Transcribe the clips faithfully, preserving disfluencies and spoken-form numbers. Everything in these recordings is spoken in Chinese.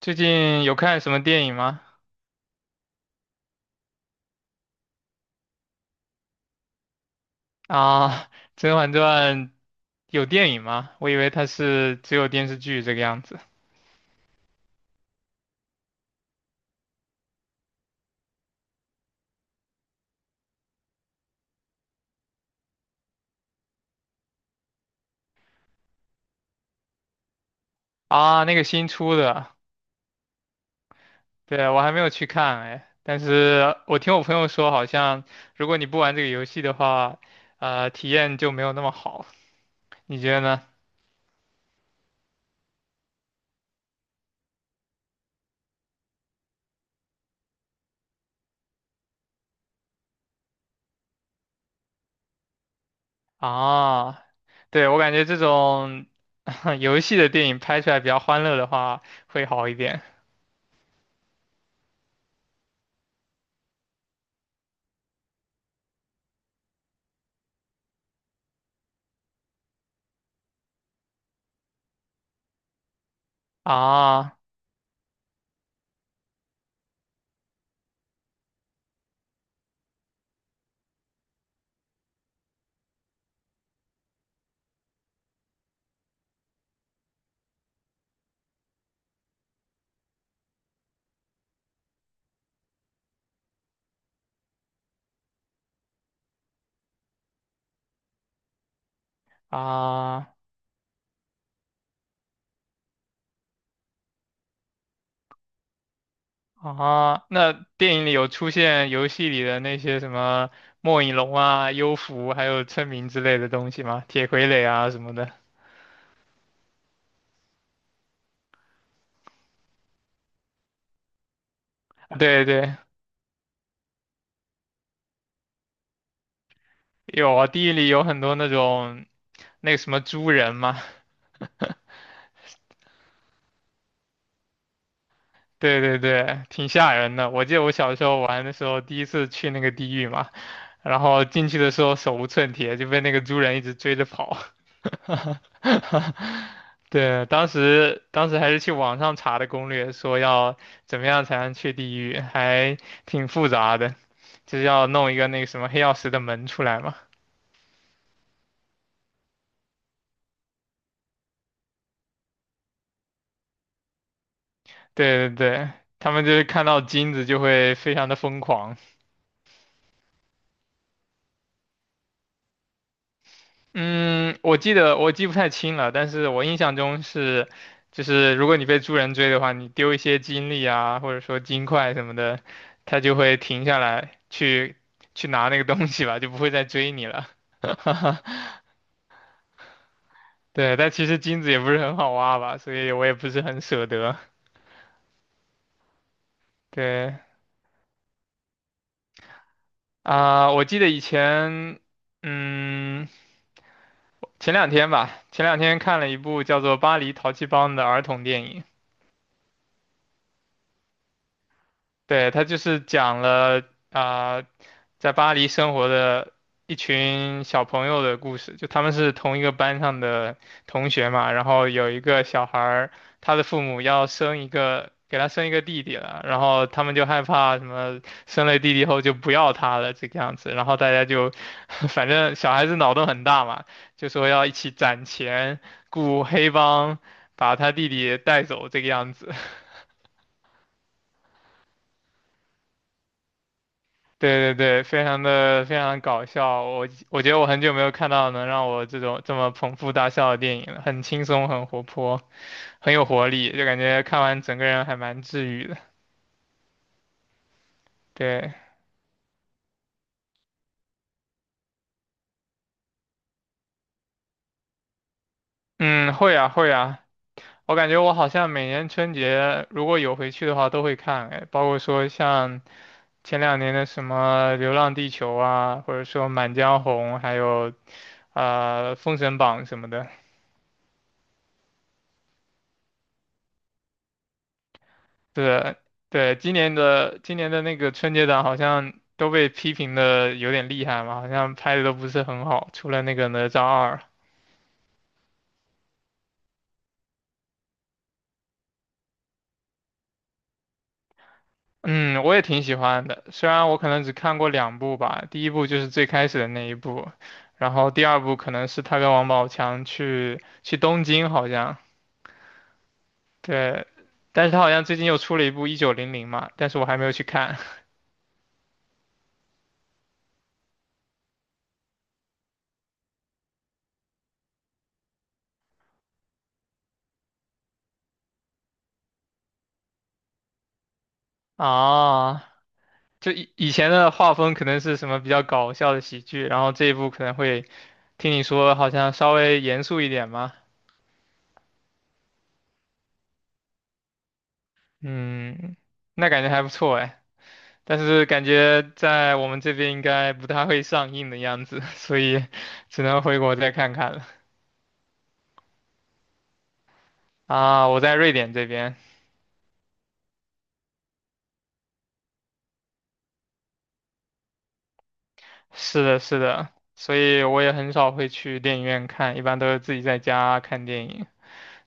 最近有看什么电影吗？啊，《甄嬛传》有电影吗？我以为它是只有电视剧这个样子。啊，那个新出的，对，我还没有去看哎，但是我听我朋友说，好像如果你不玩这个游戏的话，呃，体验就没有那么好。你觉得呢？啊，对，我感觉这种 游戏的电影拍出来比较欢乐的话，会好一点。啊啊。啊，那电影里有出现游戏里的那些什么末影龙啊、幽浮，还有村民之类的东西吗？铁傀儡啊什么的。对对，有啊，地狱里有很多那种那个什么猪人嘛。对对对，挺吓人的。我记得我小时候玩的时候，第一次去那个地狱嘛，然后进去的时候手无寸铁，就被那个猪人一直追着跑。对，当时当时还是去网上查的攻略，说要怎么样才能去地狱，还挺复杂的，就是要弄一个那个什么黑曜石的门出来嘛。对对对，他们就是看到金子就会非常的疯狂。嗯，我记得我记不太清了，但是我印象中是，就是如果你被猪人追的话，你丢一些金粒啊，或者说金块什么的，它就会停下来去去拿那个东西吧，就不会再追你了。对，但其实金子也不是很好挖吧，所以我也不是很舍得。对啊，我记得以前，嗯，前两天吧，前两天看了一部叫做《巴黎淘气帮》的儿童电影。对，他就是讲了啊、在巴黎生活的一群小朋友的故事，就他们是同一个班上的同学嘛，然后有一个小孩儿，他的父母要生一个，给他生一个弟弟了，然后他们就害怕什么生了弟弟后就不要他了这个样子，然后大家就，反正小孩子脑洞很大嘛，就说要一起攒钱雇黑帮把他弟弟带走这个样子。对对对，非常的非常搞笑，我我觉得我很久没有看到能让我这种这么捧腹大笑的电影了，很轻松，很活泼，很有活力，就感觉看完整个人还蛮治愈的。对，嗯，会啊会啊，我感觉我好像每年春节如果有回去的话都会看，哎，包括说像前两年的什么《流浪地球》啊，或者说《满江红》，还有呃《封神榜》什么的。对对，今年的今年的那个春节档好像都被批评的有点厉害嘛，好像拍的都不是很好，除了那个哪吒二，嗯，我也挺喜欢的，虽然我可能只看过两部吧，第一部就是最开始的那一部，然后第二部可能是他跟王宝强去去东京好像，对，但是他好像最近又出了一部一九零零嘛，但是我还没有去看 啊。就以以前的画风可能是什么比较搞笑的喜剧，然后这一部可能会听你说好像稍微严肃一点嘛，嗯，那感觉还不错哎，但是感觉在我们这边应该不太会上映的样子，所以 只能回国再看看了。啊，我在瑞典这边，是的，是的，所以我也很少会去电影院看，一般都是自己在家看电影。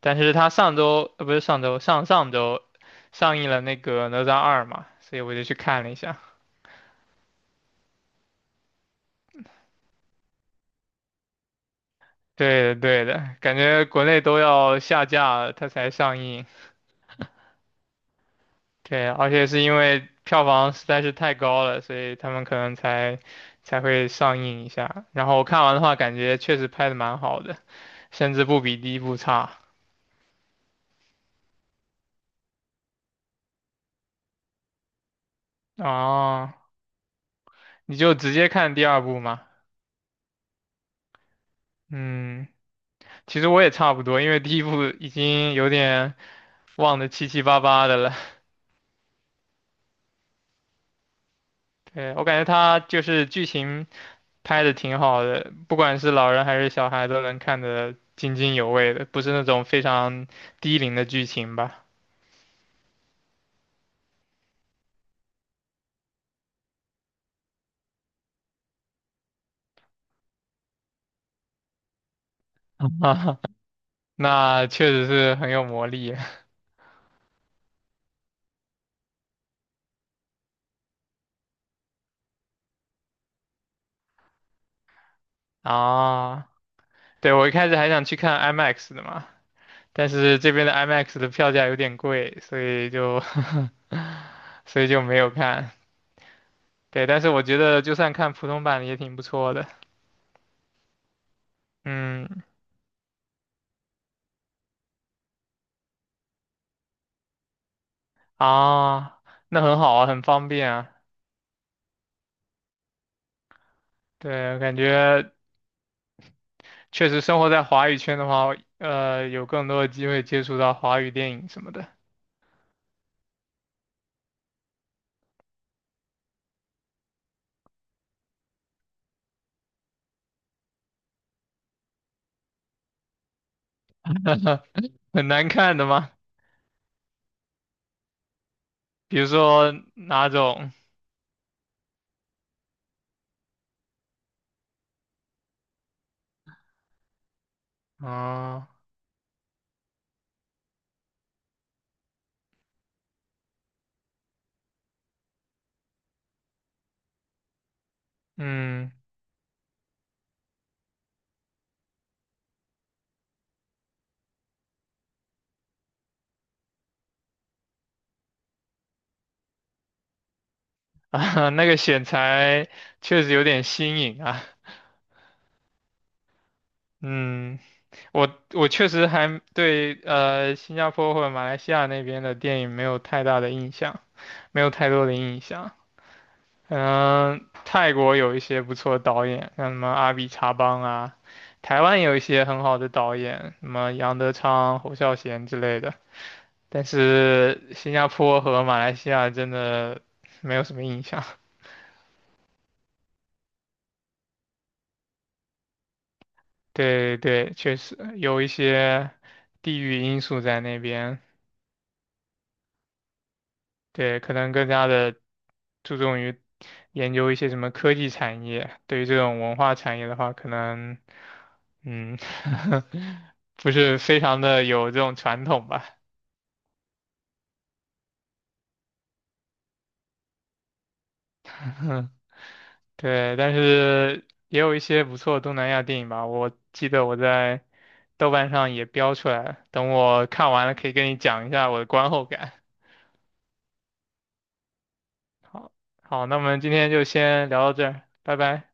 但是他上周，呃，不是上周，上上周上映了那个哪吒二嘛，所以我就去看了一下。对的，对的，感觉国内都要下架了，它才上映。对，而且是因为票房实在是太高了，所以他们可能才才会上映一下。然后我看完的话，感觉确实拍的蛮好的，甚至不比第一部差。哦，你就直接看第二部嘛。嗯，其实我也差不多，因为第一部已经有点忘得七七八八的了。对，我感觉它就是剧情拍的挺好的，不管是老人还是小孩都能看得津津有味的，不是那种非常低龄的剧情吧。那确实是很有魔力 啊！对，我一开始还想去看 IMAX 的嘛，但是这边的 IMAX 的票价有点贵，所以就 所以就没有看。对，但是我觉得就算看普通版也挺不错的。嗯，啊，那很好啊，很方便啊。对，感觉确实生活在华语圈的话，呃，有更多的机会接触到华语电影什么的。很难看的吗？比如说哪种？啊？嗯，那个选材确实有点新颖啊。嗯，我我确实还对呃新加坡或者马来西亚那边的电影没有太大的印象，没有太多的印象。嗯，泰国有一些不错的导演，像什么阿比查邦啊，台湾有一些很好的导演，什么杨德昌、侯孝贤之类的。但是新加坡和马来西亚真的没有什么印象。对对，确实有一些地域因素在那边，对，可能更加的注重于研究一些什么科技产业。对于这种文化产业的话，可能嗯，不是非常的有这种传统吧。对，但是也有一些不错的东南亚电影吧。我记得我在豆瓣上也标出来了，等我看完了可以跟你讲一下我的观后感。好，好，那我们今天就先聊到这儿，拜拜。